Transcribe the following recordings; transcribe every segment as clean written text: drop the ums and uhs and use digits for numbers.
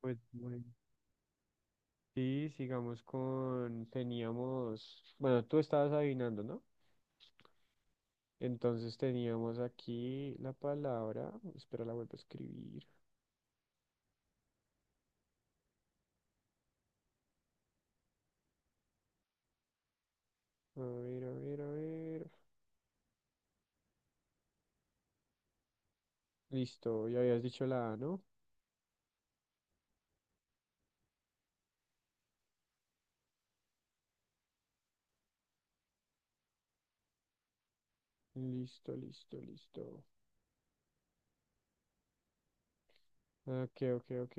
Pues bueno, sí, sigamos con, teníamos, bueno, tú estabas adivinando, ¿no? Entonces teníamos aquí la palabra, espera, la vuelvo a escribir. A ver, a ver, a ver. Listo, ya habías dicho la A, ¿no? Listo, listo, listo. Ok, ok, ok.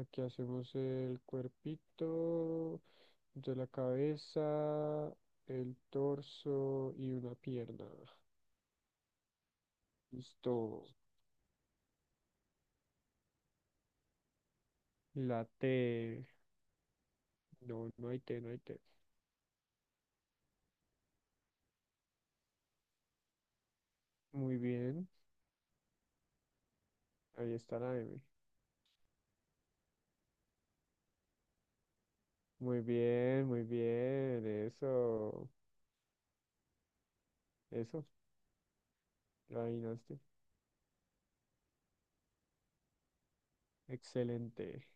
Aquí hacemos el cuerpito, de la cabeza, el torso y una pierna. Listo. La T. No, no hay T, no hay T. Muy bien, ahí está la M. Muy bien, eso, la adivinaste. Excelente.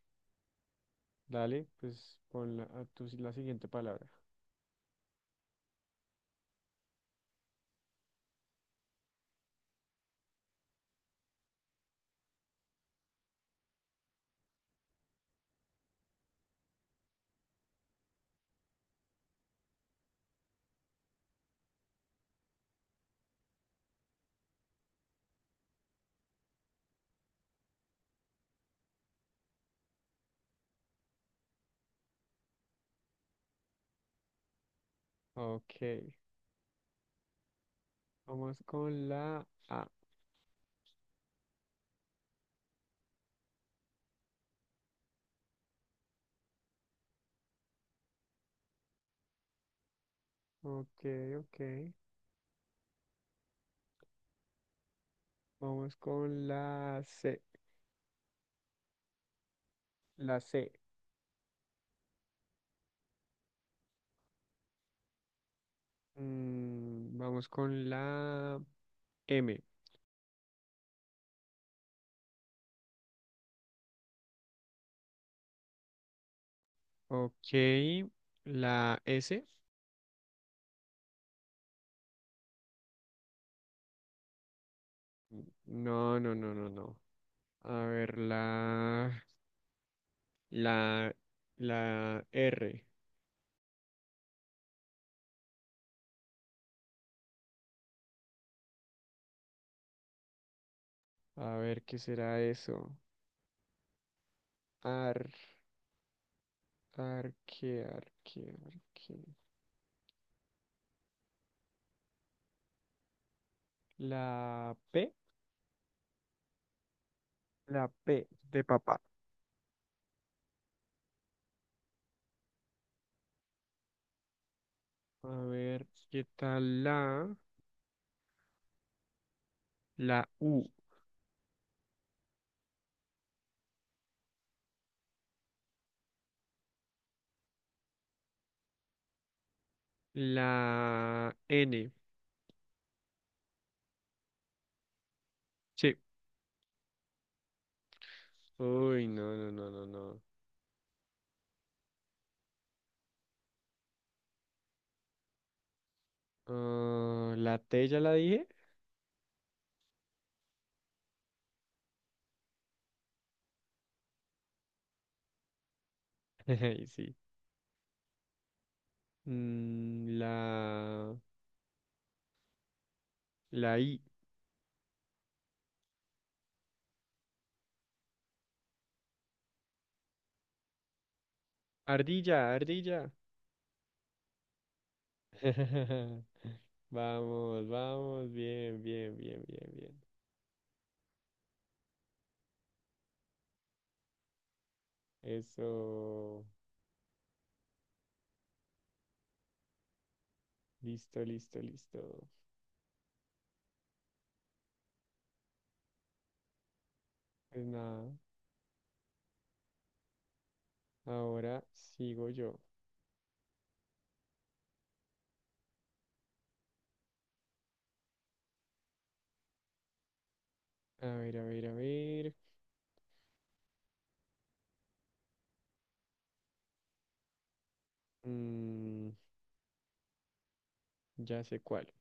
Dale, pues pon la, la siguiente palabra. Ok, vamos con la A. Ok, ok. Vamos con la C. La C. Vamos con la M. Ok, la S. No, no, no, no, no. A ver, la... La, la R. A ver, ¿qué será eso? Ar, arque, arque, arque. La P. La P de papá. A ver, ¿qué tal la? La U. La N. Sí. Uy, no, no, no, no, no. Ah, la T ya la dije. Ay, sí. La, la I. Ardilla, ardilla. Vamos, vamos, bien, bien, bien, bien, bien. Eso, listo, listo, listo. Pues nada, ahora sigo yo. A ver, a ver, a ver. Mm, ya sé cuál.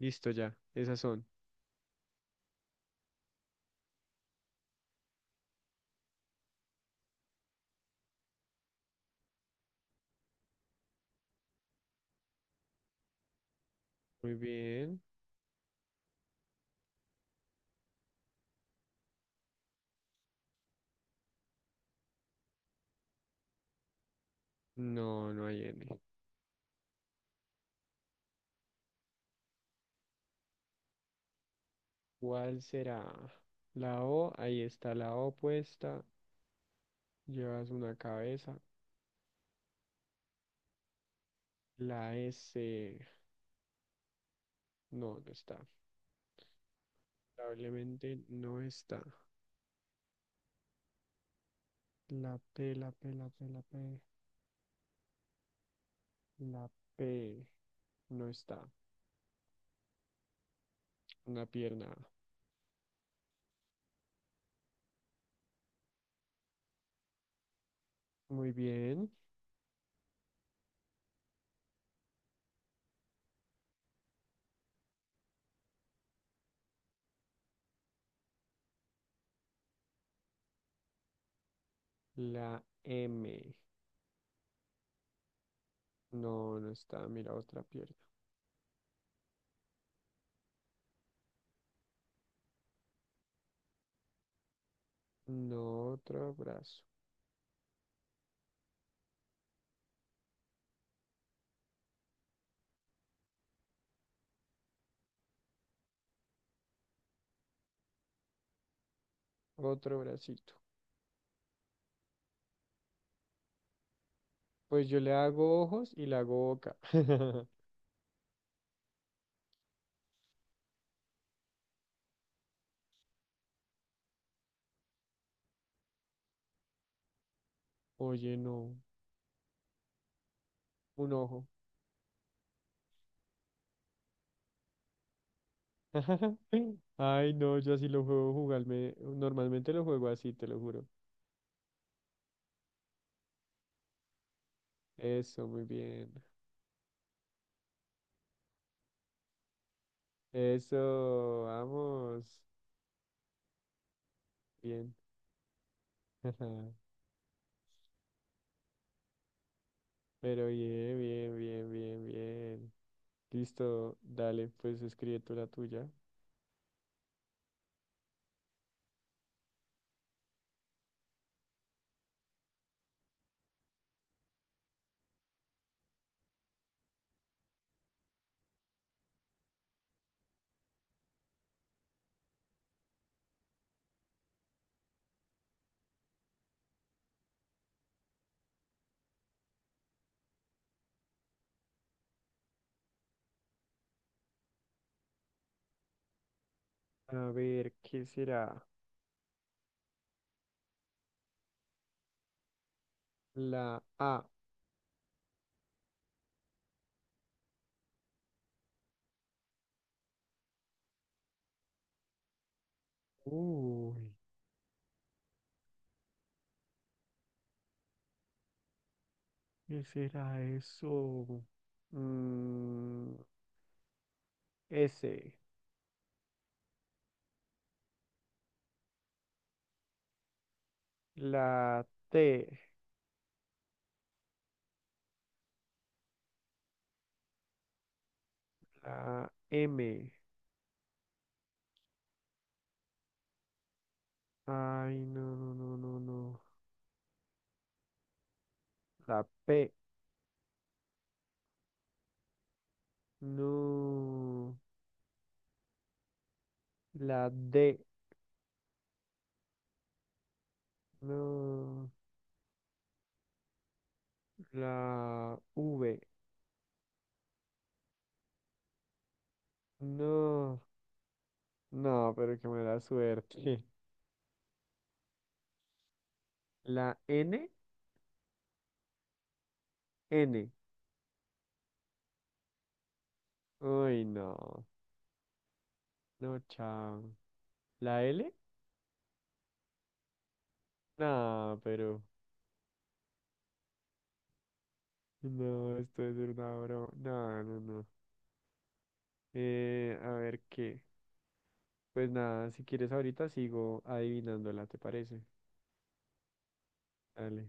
Listo, ya, esas son. Muy bien. No, no hay N. ¿Cuál será? La O, ahí está la O puesta. Llevas una cabeza. La S, no, no está. Probablemente no está. La P, la P, la P, la P. La P no está. Una pierna. Muy bien. La M. No, no está. Mira, otra pierna. No, otro brazo. Otro bracito. Pues yo le hago ojos y le hago boca. Oye, no. Un ojo. Ay, no, yo así lo juego jugarme. Normalmente lo juego así, te lo juro. Eso, muy bien. Eso, vamos. Bien. Pero bien, bien, bien, bien, bien. Listo, dale, pues escribe tú la tuya. A ver, ¿qué será? La A. Uy, ¿qué será eso? Mm, S. La T. La M. Ay, no, no, no, no, no. La P. No. La D. No. La V. No. No, pero qué mala suerte. La N. N. Uy, no. No, chao. ¿La L? No, pero. No, esto es una broma. No, no, no. A ver qué. Pues nada, si quieres ahorita sigo adivinándola, ¿te parece? Dale.